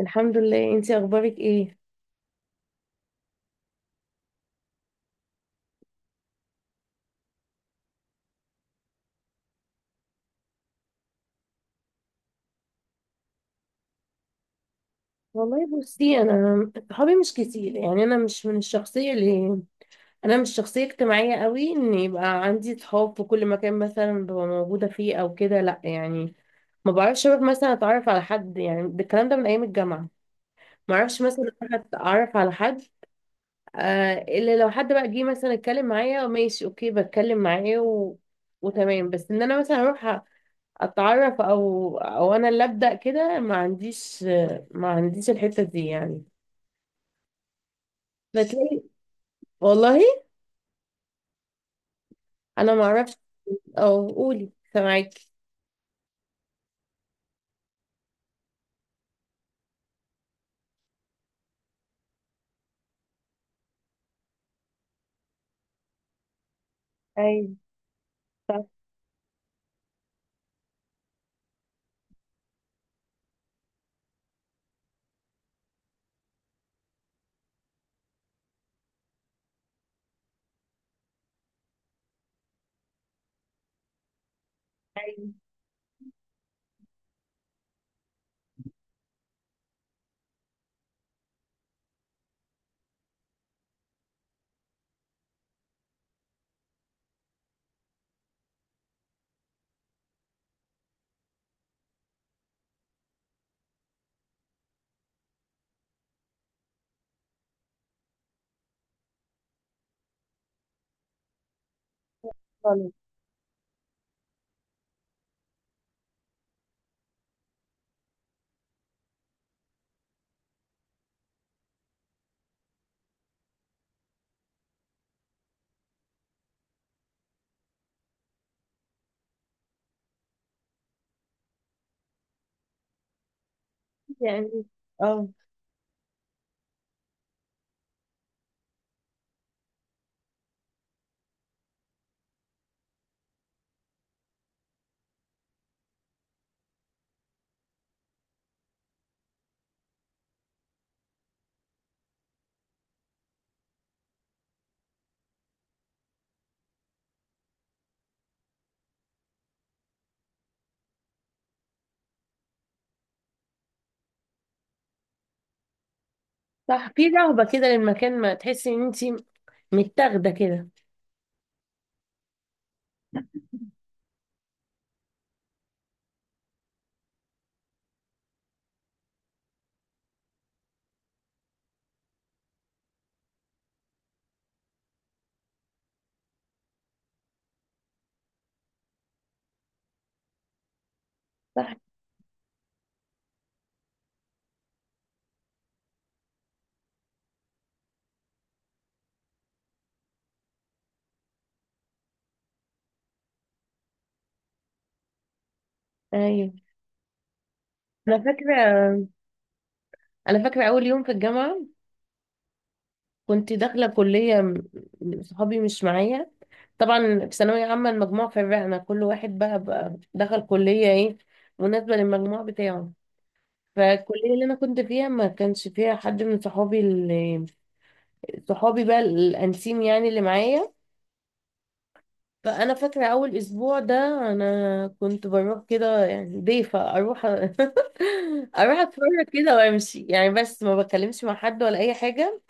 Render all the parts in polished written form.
الحمد لله، انتي اخبارك ايه؟ والله بصي، انا صحابي مش كتير يعني، انا مش من الشخصيه اللي انا مش شخصيه اجتماعيه قوي ان يبقى عندي صحاب في كل مكان مثلا ببقى موجوده فيه او كده، لا يعني. ما بعرفش اروح مثلا اتعرف على حد يعني، ده الكلام ده من ايام الجامعه. ما اعرفش مثلا اروح اتعرف على حد. آه، الا لو حد بقى جه مثلا اتكلم معايا، ماشي اوكي، بتكلم معاه و... وتمام. بس ان انا مثلا اروح اتعرف او انا اللي ابدا كده، ما عنديش الحته دي يعني. بتلاقي، والله انا ما اعرفش، او قولي، سامعاكي. ايوه. صح. خالص يعني. اه صح، في رهبه كده للمكان، ما تحسي ان انت متاخده كده. صح. ايوه، انا فاكره انا فاكره اول يوم في الجامعه، كنت داخلة كلية، صحابي مش معايا. طبعا في ثانوية عامة، المجموع فرقنا، كل واحد بقى دخل كلية ايه مناسبة للمجموع بتاعه. فالكلية اللي أنا كنت فيها ما كانش فيها حد من صحابي، اللي صحابي بقى الأنسيم يعني اللي معايا. فأنا فاكرة أول أسبوع ده أنا كنت بروح كده يعني ضيفة، أروح أروح أتفرج كده وأمشي يعني، بس ما بتكلمش مع حد ولا أي حاجة.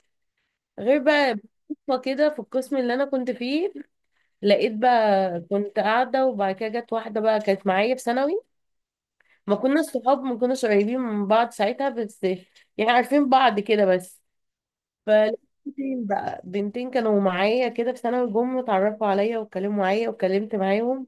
غير بقى صدفة كده في القسم اللي انا كنت فيه، لقيت بقى، كنت قاعدة وبعد كده جت واحدة بقى كانت معايا في ثانوي. ما كنا صحاب، ما كناش قريبين من بعض ساعتها، بس يعني عارفين بعض كده بس. فلقيت بنتين، بقى بنتين كانوا معايا كده في ثانوي، جم اتعرفوا عليا واتكلموا معايا واتكلمت معاهم.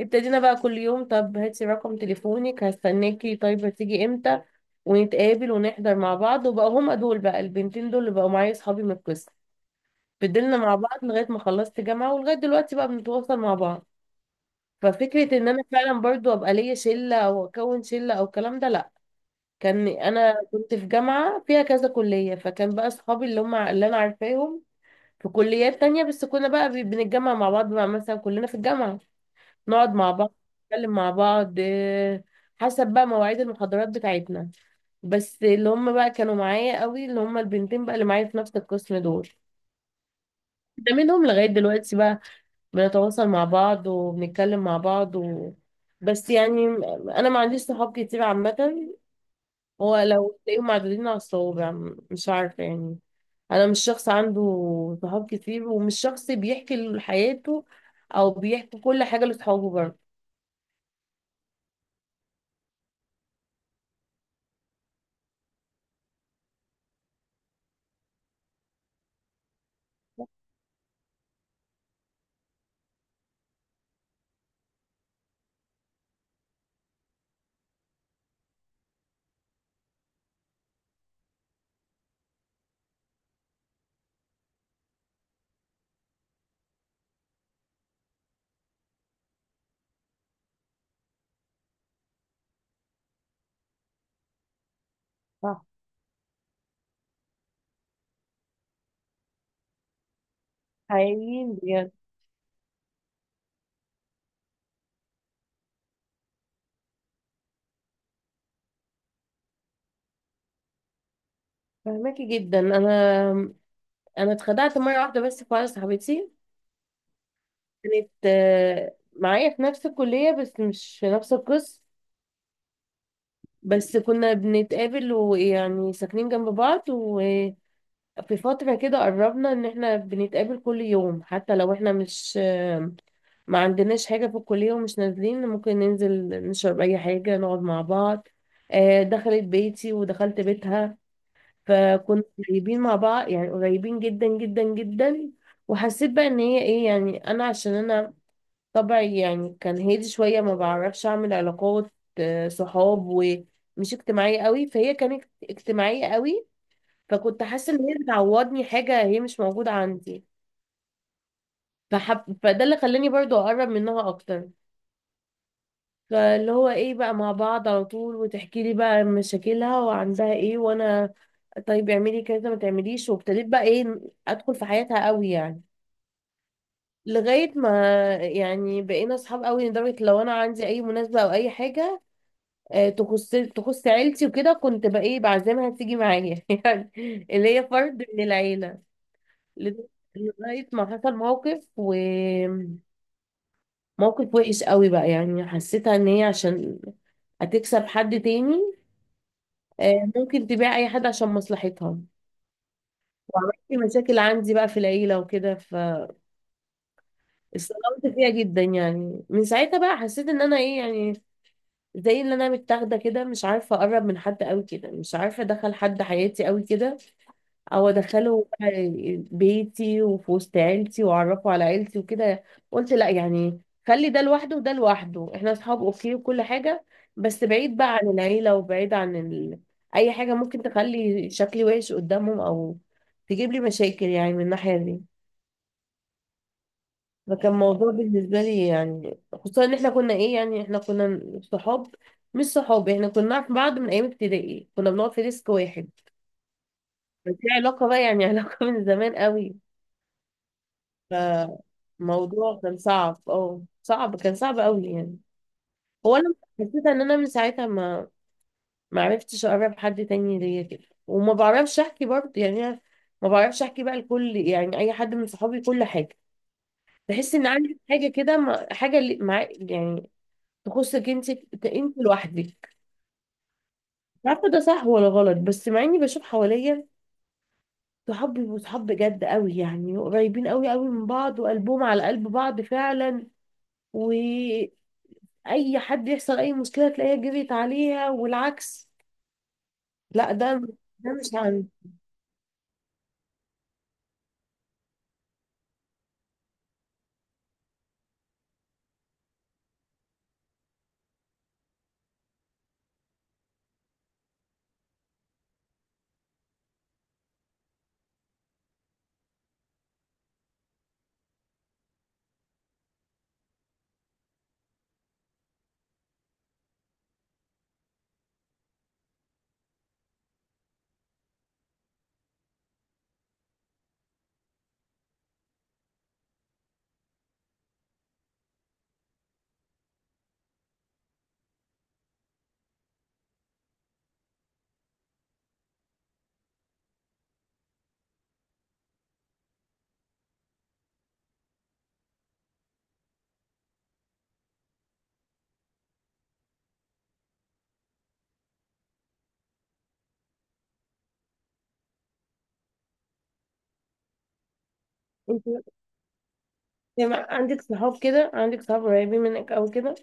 ابتدينا بقى كل يوم، طب هاتي رقم تليفونك، هستناكي، طيب هتيجي امتى، ونتقابل ونحضر مع بعض. وبقى هما دول بقى البنتين دول اللي بقوا معايا صحابي من القسم. فضلنا مع بعض لغاية ما خلصت جامعة، ولغاية دلوقتي بقى بنتواصل مع بعض. ففكرة ان انا فعلا برضو ابقى ليا شلة او اكون شلة او الكلام ده، لا. كان انا كنت في جامعة فيها كذا كلية، فكان بقى اصحابي اللي هم اللي انا عارفاهم في كليات تانية، بس كنا بقى بنتجمع مع بعض بقى، مثلا كلنا في الجامعة نقعد مع بعض، نتكلم مع بعض، حسب بقى مواعيد المحاضرات بتاعتنا. بس اللي هم بقى كانوا معايا قوي اللي هم البنتين بقى اللي معايا في نفس القسم دول، ده منهم لغاية دلوقتي بقى بنتواصل مع بعض وبنتكلم مع بعض. و... بس يعني انا ما عنديش صحاب كتير عامة، هو لو تلاقيهم معدودين على الصوابع، مش عارفة يعني. انا مش شخص عنده صحاب كتير، ومش شخص بيحكي حياته او بيحكي كل حاجة لصحابه برضه. صح. حقيقيين بجد. فهماكي جدا. انا اتخدعت مرة واحدة، بس في واحدة صاحبتي، كانت معايا في نفس الكلية بس مش في نفس القسم. بس كنا بنتقابل ويعني ساكنين جنب بعض، وفي فترة كده قربنا ان احنا بنتقابل كل يوم، حتى لو احنا مش ما عندناش حاجة في الكلية ومش نازلين، ممكن ننزل نشرب اي حاجة، نقعد مع بعض. دخلت بيتي ودخلت بيتها، فكنا قريبين مع بعض يعني، قريبين جدا جدا جدا. وحسيت بقى ان هي ايه يعني، انا عشان انا طبعي يعني كان هادي شوية، ما بعرفش أعمل علاقات صحاب، ومش اجتماعية قوي، فهي كانت اجتماعية قوي. فكنت حاسة إن هي بتعوضني حاجة هي مش موجودة عندي، فده اللي خلاني برضو أقرب منها أكتر. فاللي هو إيه، بقى مع بعض على طول، وتحكي لي بقى مشاكلها وعندها إيه، وأنا طيب اعملي كذا ما تعمليش، وابتديت بقى إيه، أدخل في حياتها قوي يعني. لغاية ما يعني بقينا أصحاب قوي، لدرجة لو أنا عندي أي مناسبة أو أي حاجة تخص عيلتي وكده، كنت بقى ايه بعزمها تيجي معايا يعني، اللي هي فرد من العيلة. لد- لغاية ما حصل موقف، وموقف وحش قوي بقى يعني، حسيتها ان هي عشان هتكسب حد تاني ممكن تبيع اي حد عشان مصلحتها. وعملت مشاكل عندي بقى في العيلة وكده، فاستغربت فيها جدا يعني. من ساعتها بقى حسيت ان انا ايه يعني، زي اللي انا متاخده كده، مش عارفه اقرب من حد قوي كده، مش عارفه ادخل حد حياتي قوي كده، او ادخله بقى بيتي وفي وسط عيلتي واعرفه على عيلتي وكده. قلت لا يعني، خلي ده لوحده وده لوحده، احنا اصحاب اوكي وكل حاجة، بس بعيد بقى عن العيلة، وبعيد عن اي حاجة ممكن تخلي شكلي وحش قدامهم، او تجيب لي مشاكل يعني من الناحية دي. فكان موضوع بالنسبة لي يعني، خصوصا ان احنا كنا ايه يعني، احنا كنا صحاب، مش صحاب، احنا كنا نعرف بعض من ايام ابتدائي، كنا بنقعد في ديسك واحد. بس دي علاقة بقى يعني علاقة من زمان قوي. فموضوع كان صعب، صعب، كان صعب قوي يعني. هو انا حسيت ان انا من ساعتها ما عرفتش اقرب حد تاني ليا كده، وما بعرفش احكي برضه يعني. أنا ما بعرفش احكي بقى لكل يعني اي حد من صحابي كل حاجه، بحس ان عندي حاجه كده، حاجه اللي مع يعني تخصك انت، انت لوحدك. مش عارفه ده صح ولا غلط، بس مع اني بشوف حواليا صحابي، وصحاب بجد قوي يعني قريبين قوي قوي من بعض وقلبهم على قلب بعض فعلا، و اي حد يحصل اي مشكله تلاقيها جريت عليها والعكس. لا، ده مش عندي. انت يعني عندك صحاب كده، عندك صحاب قريبين منك او كده؟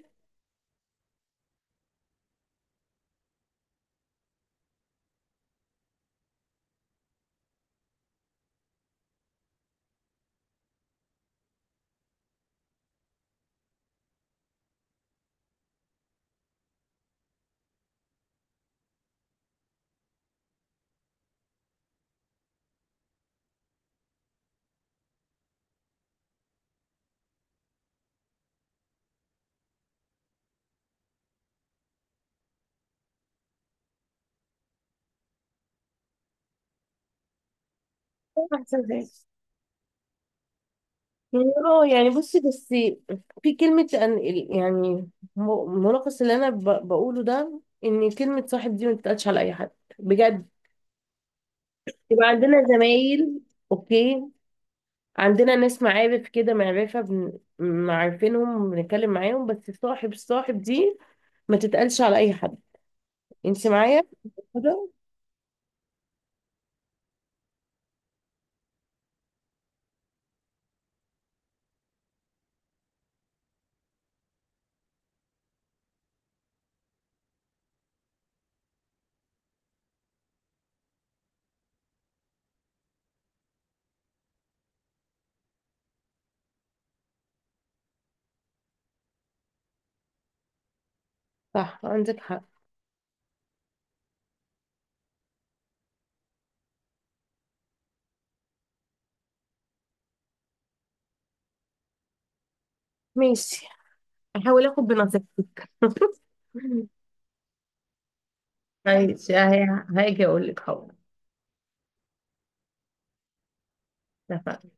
ده احسن حاجه. يعني يعني بصي، بس في كلمه يعني، ملخص اللي انا بقوله ده، ان كلمه صاحب دي ما بتتقالش على اي حد بجد. يبقى عندنا زمايل اوكي، عندنا ناس معارف كده، معرفه معارفينهم بنتكلم معاهم، بس صاحب، الصاحب دي ما تتقالش على اي حد. انت معايا كده؟ صح عندك حق. ماشي، هحاول اخد بنصيحتك ماشي، هاجي اقول لك حاضر. اتفقنا.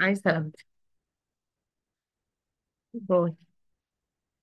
عايز سلامتك. باي.